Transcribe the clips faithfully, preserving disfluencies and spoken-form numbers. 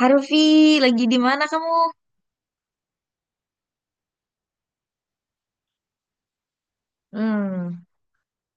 Harvey, lagi di mana kamu? Hmm,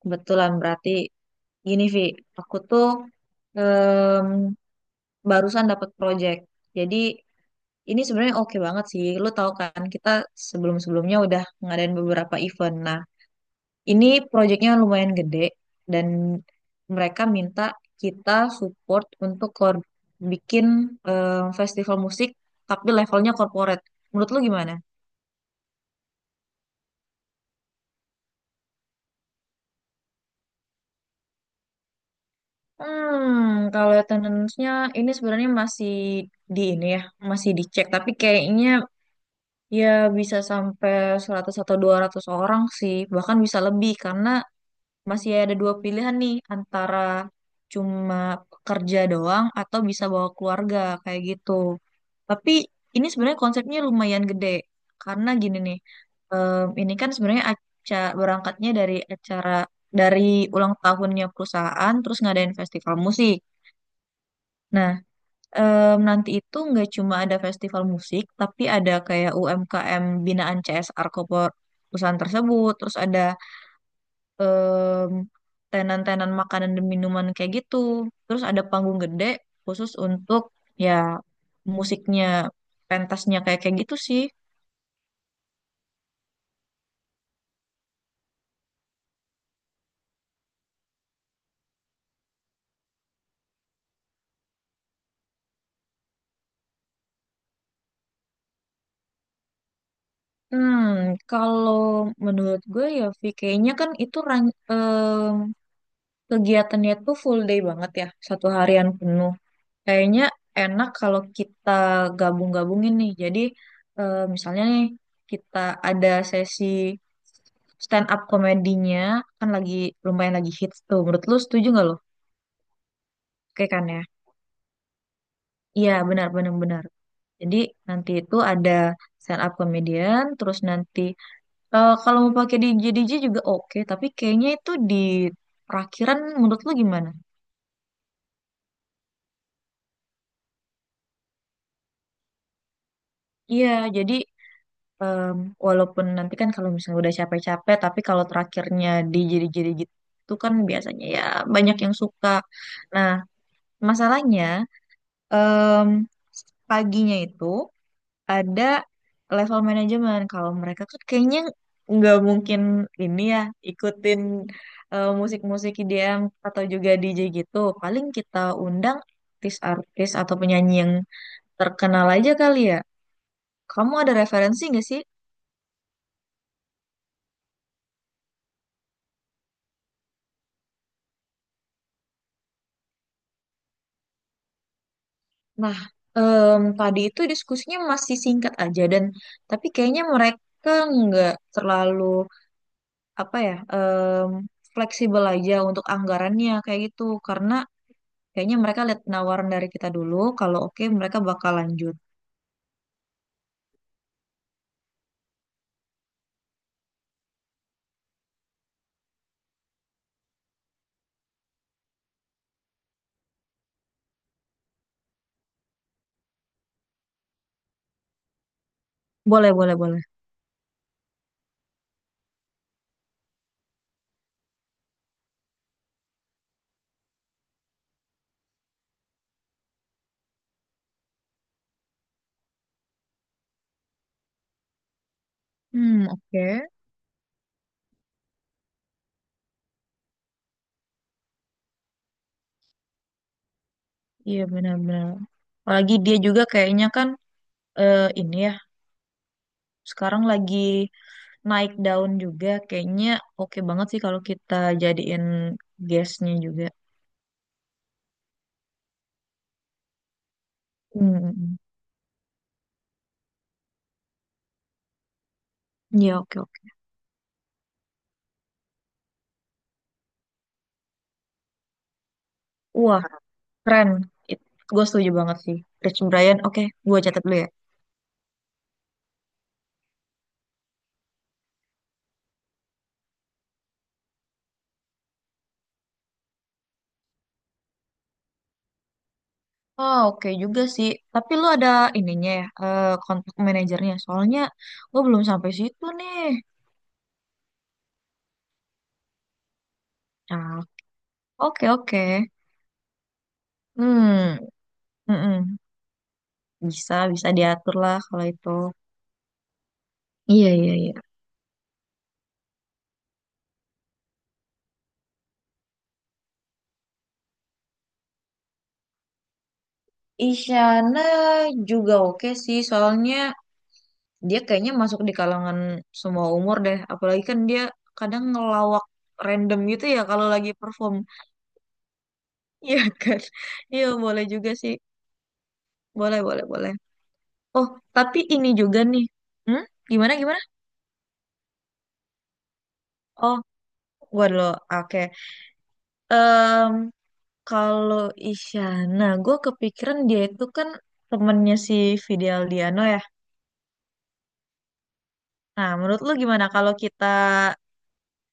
kebetulan berarti gini, Vi. Aku tuh em, barusan dapat project. Jadi ini sebenarnya oke banget sih. Lu tahu kan kita sebelum-sebelumnya udah ngadain beberapa event. Nah, ini projectnya lumayan gede dan mereka minta kita support untuk kor- bikin em, festival musik tapi levelnya corporate. Menurut lu gimana? Hmm, kalau attendance-nya ini sebenarnya masih di ini ya, masih dicek. Tapi kayaknya ya bisa sampai seratus atau dua ratus orang sih, bahkan bisa lebih karena masih ada dua pilihan nih antara cuma kerja doang atau bisa bawa keluarga kayak gitu. Tapi ini sebenarnya konsepnya lumayan gede karena gini nih, em, ini kan sebenarnya acara berangkatnya dari acara dari ulang tahunnya perusahaan, terus ngadain festival musik. Nah, em, nanti itu nggak cuma ada festival musik, tapi ada kayak U M K M binaan C S R Kopor perusahaan tersebut. Terus ada em, tenan-tenan makanan dan minuman kayak gitu. Terus ada panggung gede khusus untuk ya musiknya, pentasnya kayak kayak gitu sih. Hmm, kalau menurut gue ya, Vi, kayaknya kan itu ran- em, kegiatannya tuh full day banget ya, satu harian penuh. Kayaknya enak kalau kita gabung-gabungin nih. Jadi eh, misalnya nih kita ada sesi stand up komedinya kan lagi lumayan lagi hits tuh. Menurut lu setuju nggak lo? Oke kan ya? Iya benar benar benar. Jadi nanti itu ada stand up comedian, terus nanti eh, kalau mau pakai D J D J juga oke. Tapi kayaknya itu di perakhiran menurut lu gimana? Iya jadi Em, walaupun nanti kan kalau misalnya udah capek-capek, tapi kalau terakhirnya dijadi-jadi gitu kan biasanya ya banyak yang suka. Nah, masalahnya em, paginya itu ada level manajemen. Kalau mereka kan kayaknya nggak mungkin ini ya ikutin eh, musik-musik I D M atau juga D J gitu. Paling kita undang artis-artis atau penyanyi yang terkenal aja kali ya. Kamu ada referensi nggak sih? Nah, em, tadi itu diskusinya masih singkat aja dan tapi kayaknya mereka nggak terlalu apa ya em, fleksibel aja untuk anggarannya kayak gitu karena kayaknya mereka lihat penawaran dari kita dulu kalau oke mereka bakal lanjut. Boleh, boleh, boleh. Hmm, oke. Iya benar-benar. Apalagi dia juga kayaknya kan eh, ini ya sekarang lagi naik daun juga kayaknya oke banget sih kalau kita jadiin guestnya juga. Hmm. Iya, oke, oke. Wah, keren. It, gue setuju banget sih. Rich Brian, oke, gue catat dulu ya. Oh, oke juga sih. Tapi lu ada ininya ya, eh, kontak manajernya. Soalnya gue belum sampai situ nih. Nah, oke, oke. Hmm, mm-mm. Bisa, bisa diatur lah kalau itu. Iya, iya, iya. Isyana juga oke sih, soalnya dia kayaknya masuk di kalangan semua umur deh. Apalagi kan dia kadang ngelawak random gitu ya kalau lagi perform. Iya kan? Iya boleh juga sih. Boleh, boleh, boleh. Oh, tapi ini juga nih. Hmm? Gimana, gimana? Oh, gua dulu. Oke. Em, kalau Isyana, gue kepikiran dia itu kan temennya si Fidel Diano ya. Nah, menurut lu gimana kalau kita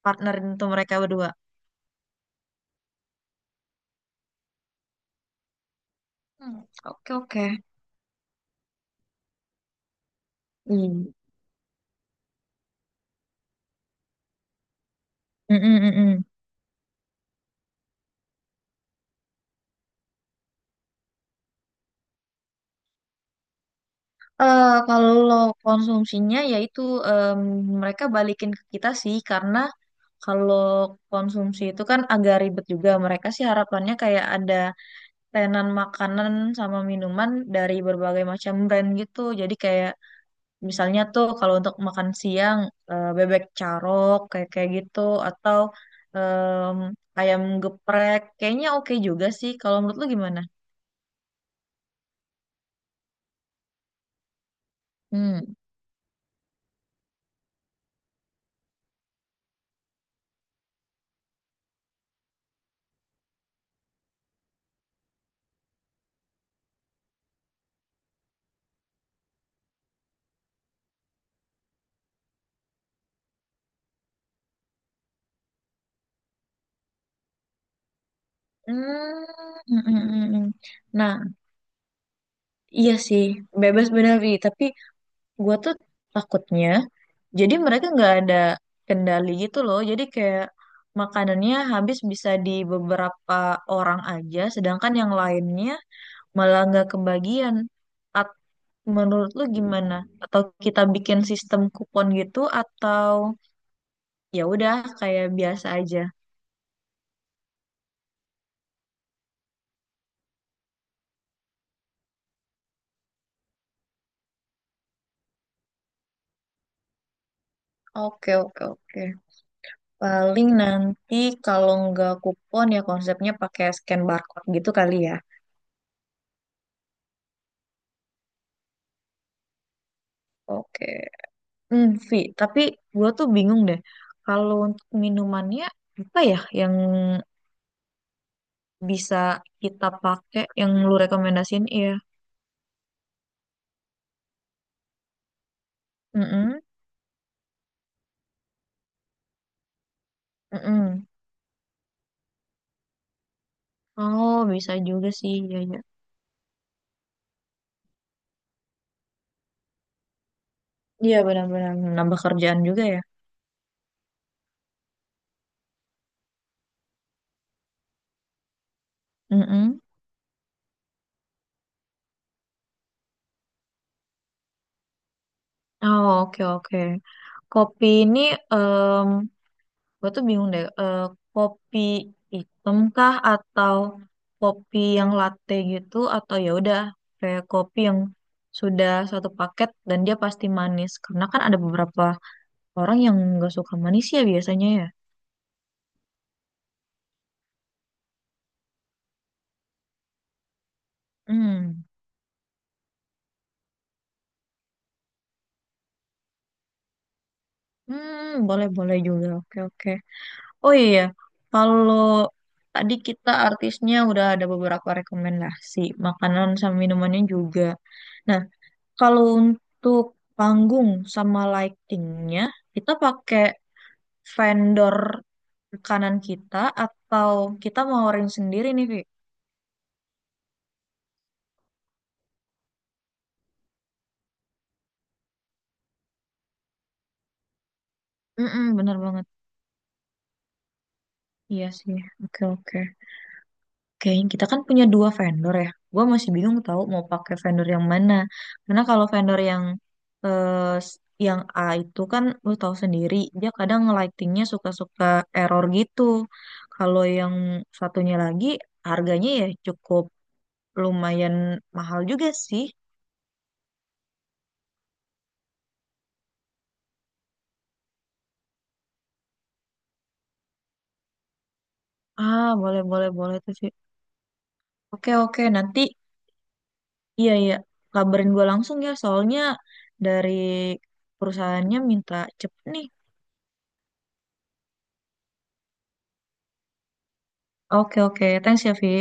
partnerin tuh mereka berdua? Hmm, oke, oke. Hmm. Mm-mm-mm. Eh, kalau konsumsinya yaitu em, mereka balikin ke kita sih karena kalau konsumsi itu kan agak ribet juga. Mereka sih harapannya kayak ada tenan makanan sama minuman dari berbagai macam brand gitu. Jadi kayak misalnya tuh kalau untuk makan siang eh, bebek carok kayak kayak gitu atau em, ayam geprek kayaknya oke juga sih. Kalau menurut lu gimana? Hmm. Hmm, hmm, hmm, hmm. Nah, iya sih, bebas benar Wi. Tapi gue tuh takutnya, jadi mereka nggak ada kendali gitu loh. Jadi kayak makanannya habis bisa di beberapa orang aja, sedangkan yang lainnya malah nggak kebagian. At- menurut lu gimana? Atau kita bikin sistem kupon gitu, atau ya udah kayak biasa aja? Oke, oke, oke. Paling nanti kalau nggak kupon ya konsepnya pakai scan barcode gitu kali ya. Oke. Hmm, Vi, tapi gue tuh bingung deh. Kalau untuk minumannya apa ya yang bisa kita pakai yang lu rekomendasiin? Iya. Mm-mm, mm-mm. Oh, bisa juga sih. Iya, iya. Iya, benar-benar nambah kerjaan juga ya. Mm-mm. Oh, oke, oke. Kopi ini Gue tuh bingung deh, eh, kopi hitam kah atau kopi yang latte gitu atau ya udah kayak kopi yang sudah satu paket dan dia pasti manis. Karena kan ada beberapa orang yang nggak suka manis ya biasanya ya. Hmm, hmm, boleh boleh juga. Oke oke. Oh iya, iya. Kalau tadi kita artisnya udah ada beberapa rekomendasi, makanan sama minumannya juga. Nah, kalau untuk panggung sama lightingnya, kita pakai vendor kanan kita atau kita mau ring sendiri nih, Vi? Mm-mm, bener banget. Iya sih, oke oke. Kayaknya kita kan punya dua vendor ya. Gue masih bingung tahu mau pakai vendor yang mana. Karena kalau vendor yang eh, s- yang A itu kan lu tahu sendiri, dia kadang lightingnya suka-suka error gitu. Kalau yang satunya lagi harganya ya cukup lumayan mahal juga sih. Ah, boleh boleh boleh tuh sih. Oke, oke, nanti, iya, iya, kabarin gue langsung ya soalnya dari perusahaannya minta cepet nih. Oke oke, thanks ya Vi.